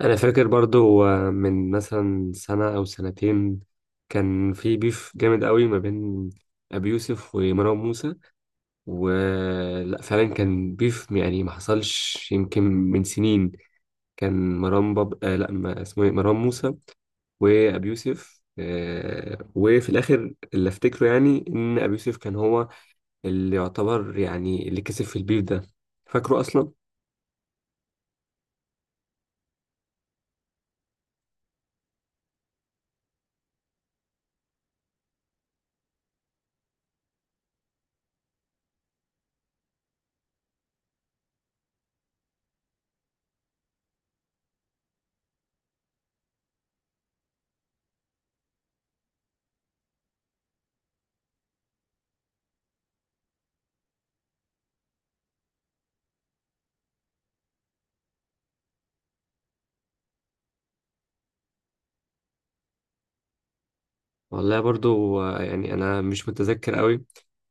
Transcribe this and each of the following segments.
انا فاكر برضو من مثلا سنة او سنتين كان في بيف جامد قوي ما بين ابي يوسف ومروان موسى. ولا فعلا كان بيف؟ يعني ما حصلش يمكن من سنين. كان مروان باب آه لا، ما اسمه إيه؟ مروان موسى وابي يوسف، وفي الاخر اللي افتكره يعني ان ابي يوسف كان هو اللي يعتبر يعني اللي كسب في البيف ده. فاكره اصلا؟ والله برضو، يعني انا مش متذكر قوي،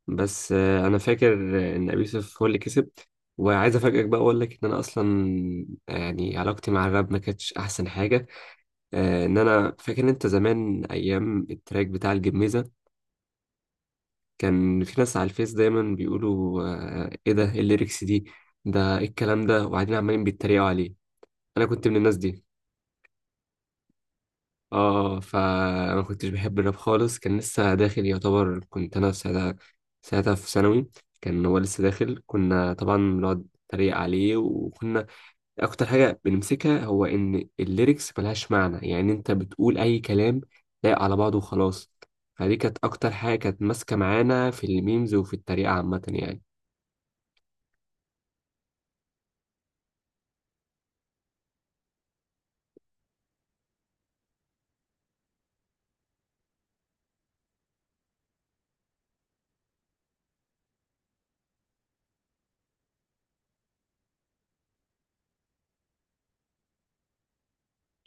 بس انا فاكر ان ابي يوسف هو اللي كسب. وعايز افاجئك بقى، اقول لك ان انا اصلا يعني علاقتي مع الراب ما كانتش احسن حاجه. ان انا فاكر إن انت زمان ايام التراك بتاع الجميزه كان في ناس على الفيس دايما بيقولوا، ايه ده، إيه الليركس دي، ده ايه الكلام ده، وبعدين عمالين بيتريقوا عليه. انا كنت من الناس دي. اه، فانا ما كنتش بحب الراب خالص، كان لسه داخل يعتبر. كنت انا في ساعتها في ثانوي، كان هو لسه داخل، كنا طبعا بنقعد نتريق عليه. وكنا اكتر حاجه بنمسكها هو ان الليركس ملهاش معنى، يعني انت بتقول اي كلام لايق على بعضه وخلاص. فدي كانت اكتر حاجه كانت ماسكه معانا في الميمز وفي التريقه عامه يعني.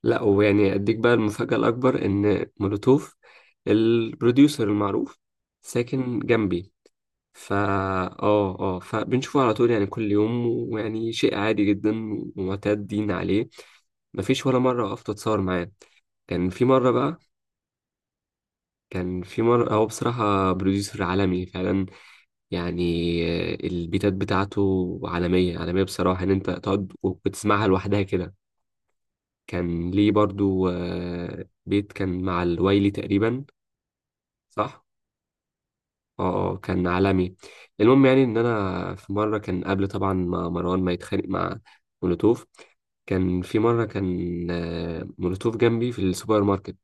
لا، ويعني اديك بقى المفاجاه الاكبر، ان مولوتوف البروديوسر المعروف ساكن جنبي. فا اه اه، فبنشوفه على طول يعني، كل يوم. ويعني شيء عادي جدا ومعتادين عليه. مفيش ولا مرة وقفت اتصور معاه. كان في مرة بقى، كان في مرة هو بصراحة بروديوسر عالمي فعلا يعني. البيتات بتاعته عالمية عالمية بصراحة، ان انت تقعد وتسمعها لوحدها كده. كان ليه برضو بيت كان مع الوايلي تقريبا. صح؟ اه. كان عالمي. المهم يعني ان انا في مره، كان قبل طبعا ما مروان ما يتخانق مع مولوتوف، كان في مره كان مولوتوف جنبي في السوبر ماركت،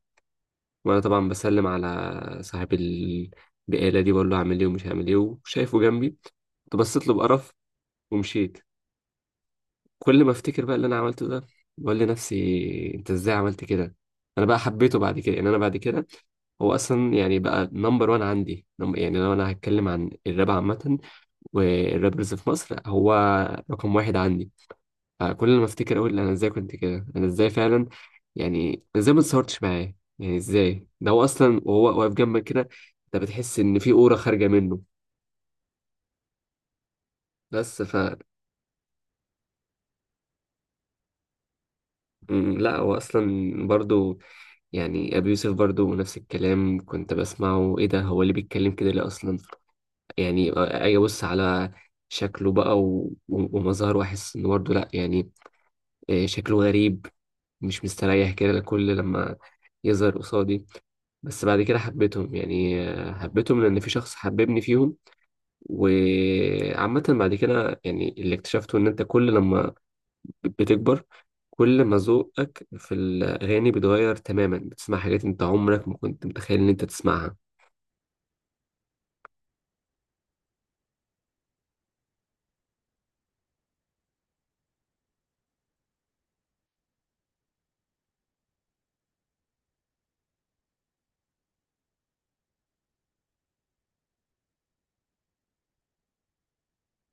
وانا طبعا بسلم على صاحب البقاله دي، بقول له هعمل ايه ومش هعمل ايه، وشايفه جنبي كنت بصيت له بقرف ومشيت. كل ما افتكر بقى اللي انا عملته ده، بقول لنفسي انت ازاي عملت كده. انا بقى حبيته بعد كده، يعني انا بعد كده هو اصلا يعني بقى نمبر وان عندي. يعني لو انا هتكلم عن الراب عامه والرابرز في مصر، هو رقم واحد عندي. فكل ما افتكر اقول انا ازاي كنت كده، انا ازاي فعلا يعني، أنا ازاي ما اتصورتش معاه؟ يعني ازاي؟ ده هو اصلا، وهو واقف جنبك كده انت بتحس ان في اورا خارجه منه. بس ف لا، هو اصلا برضو، يعني ابي يوسف برضو نفس الكلام، كنت بسمعه ايه ده، هو اللي بيتكلم كده ليه اصلا؟ يعني اجي ابص على شكله بقى ومظهره، واحس انه برضه لا يعني، شكله غريب. مش مستريح كده كل لما يظهر قصادي. بس بعد كده حبيتهم يعني، حبيتهم لأن في شخص حببني فيهم. وعامة بعد كده يعني اللي اكتشفته إن أنت كل لما بتكبر، كل ما ذوقك في الأغاني بيتغير تماما، بتسمع حاجات أنت عمرك ما كنت متخيل إن أنت تسمعها.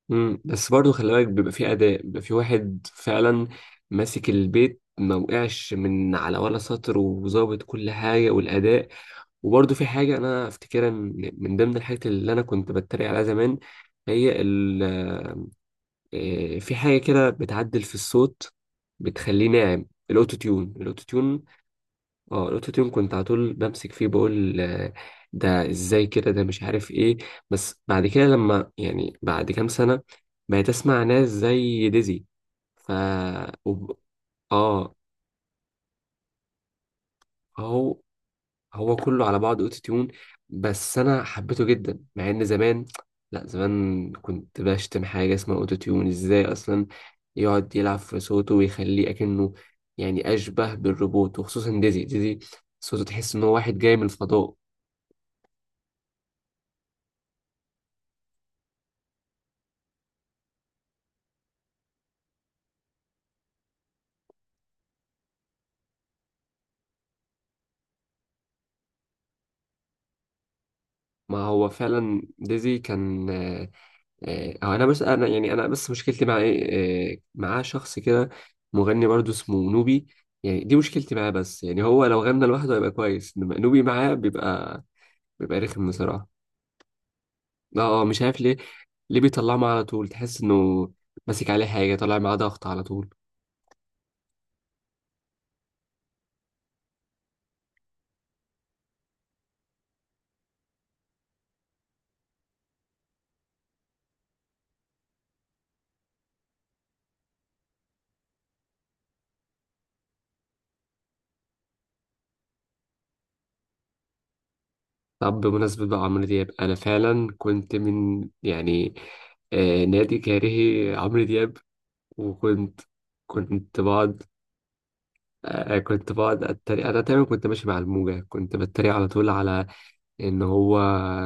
مم. بس برضه خلي بالك، بيبقى في أداء، بيبقى في واحد فعلا ماسك البيت، ما وقعش من على ولا سطر، وظابط كل حاجة والأداء. وبرضه في حاجة أنا أفتكرها من ضمن الحاجات اللي أنا كنت بتريق عليها زمان، هي في حاجة كده بتعدل في الصوت بتخليه ناعم، الأوتو تيون، الأوتو تيون. اه، الأوتو تيون كنت على طول بمسك فيه، بقول ده إزاي كده، ده مش عارف إيه. بس بعد كده لما يعني بعد كام سنة، بقيت أسمع ناس زي ديزي. ف وب- اه، هو هو كله على بعض اوتو تيون، بس انا حبيته جدا. مع ان زمان، لا زمان كنت بشتم حاجه اسمها اوتو تيون، ازاي اصلا يقعد يلعب في صوته ويخليه اكنه يعني اشبه بالروبوت؟ وخصوصا ديزي، ديزي صوته تحس ان هو واحد جاي من الفضاء. ما هو فعلا ديزي كان هو انا بس، انا يعني انا بس مشكلتي مع ايه، معاه شخص كده مغني برضو اسمه نوبي، يعني دي مشكلتي معاه. بس يعني هو لو غنى لوحده هيبقى كويس، انما نوبي معاه بيبقى رخم بصراحة. اه اه، مش عارف ليه، ليه بيطلعه معاه على طول؟ تحس انه ماسك عليه حاجة، طلع معاه ضغط على طول. طب بمناسبة بقى عمرو دياب، أنا فعلا كنت من يعني نادي كارهي عمرو دياب. وكنت بقعد، كنت بقعد أتريق. أنا تقريبا كنت ماشي مع الموجة، كنت بتريق على طول على إن هو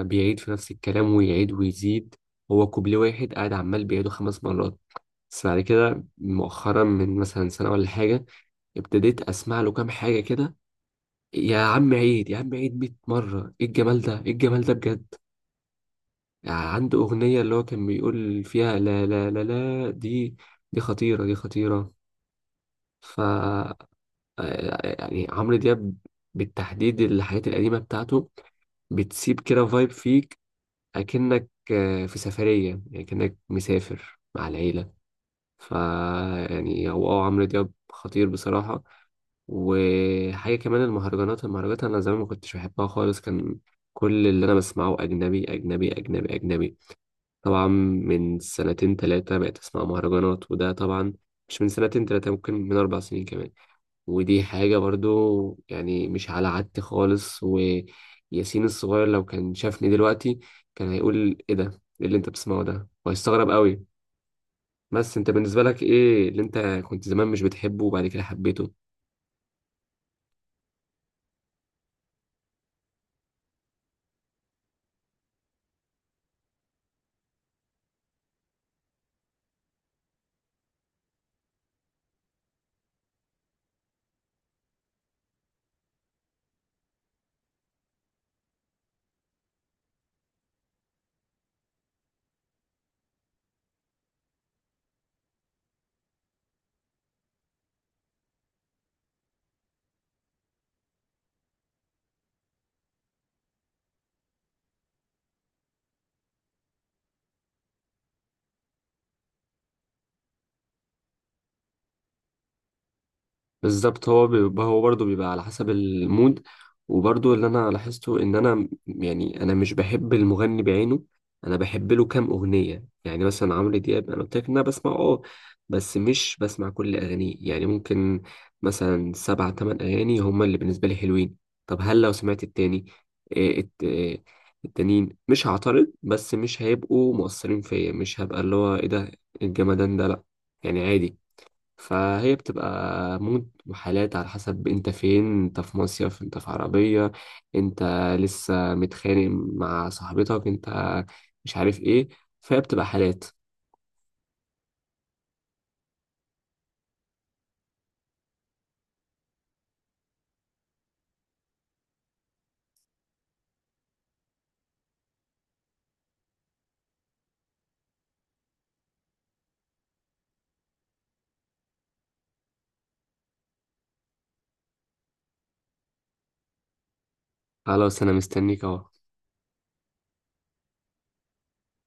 بيعيد في نفس الكلام ويعيد ويزيد، هو كوبليه واحد قاعد عمال بيعيده 5 مرات. بس بعد كده مؤخرا من مثلا سنة ولا حاجة، ابتديت اسمع له كام حاجه كده. يا عم عيد، يا عم عيد 100 مره، ايه الجمال ده، ايه الجمال ده بجد. يعني عنده اغنيه اللي هو كان بيقول فيها لا لا لا لا، دي دي خطيره، دي خطيره. ف آه، يعني عمرو دياب بالتحديد الحاجات القديمه بتاعته بتسيب كده فايب فيك، اكنك في سفريه، يعني كأنك مسافر مع العيله. فا يعني هو، اه، عمرو دياب خطير بصراحة. وحاجة كمان، المهرجانات، المهرجانات أنا زمان ما كنتش بحبها خالص، كان كل اللي أنا بسمعه أجنبي أجنبي أجنبي أجنبي. طبعا من سنتين تلاتة بقيت أسمع مهرجانات، وده طبعا مش من سنتين تلاتة، ممكن من 4 سنين كمان. ودي حاجة برضو يعني مش على عادتي خالص. وياسين الصغير لو كان شافني دلوقتي كان هيقول إيه ده؟ إيه اللي أنت بتسمعه ده؟ وهيستغرب قوي. بس انت بالنسبة لك ايه اللي انت كنت زمان مش بتحبه وبعد كده حبيته؟ بالظبط، هو بيبقى، هو برضه بيبقى على حسب المود. وبرضه اللي انا لاحظته ان انا يعني انا مش بحب المغني بعينه، انا بحب له كام اغنيه. يعني مثلا عمرو دياب، انا قلت لك ان انا بسمع، اه، بس مش بسمع كل اغانيه. يعني ممكن مثلا سبع تمن اغاني هما اللي بالنسبه لي حلوين. طب هل لو سمعت التاني، إيه التانيين، مش هعترض، بس مش هيبقوا مؤثرين فيا، مش هبقى اللي هو ايه ده الجمدان ده، لا يعني عادي. فهي بتبقى مود وحالات، على حسب انت فين، انت في مصيف، انت في عربية، انت لسه متخانق مع صاحبتك، انت مش عارف ايه. فهي بتبقى حالات. خلاص، انا مستنيك اهو.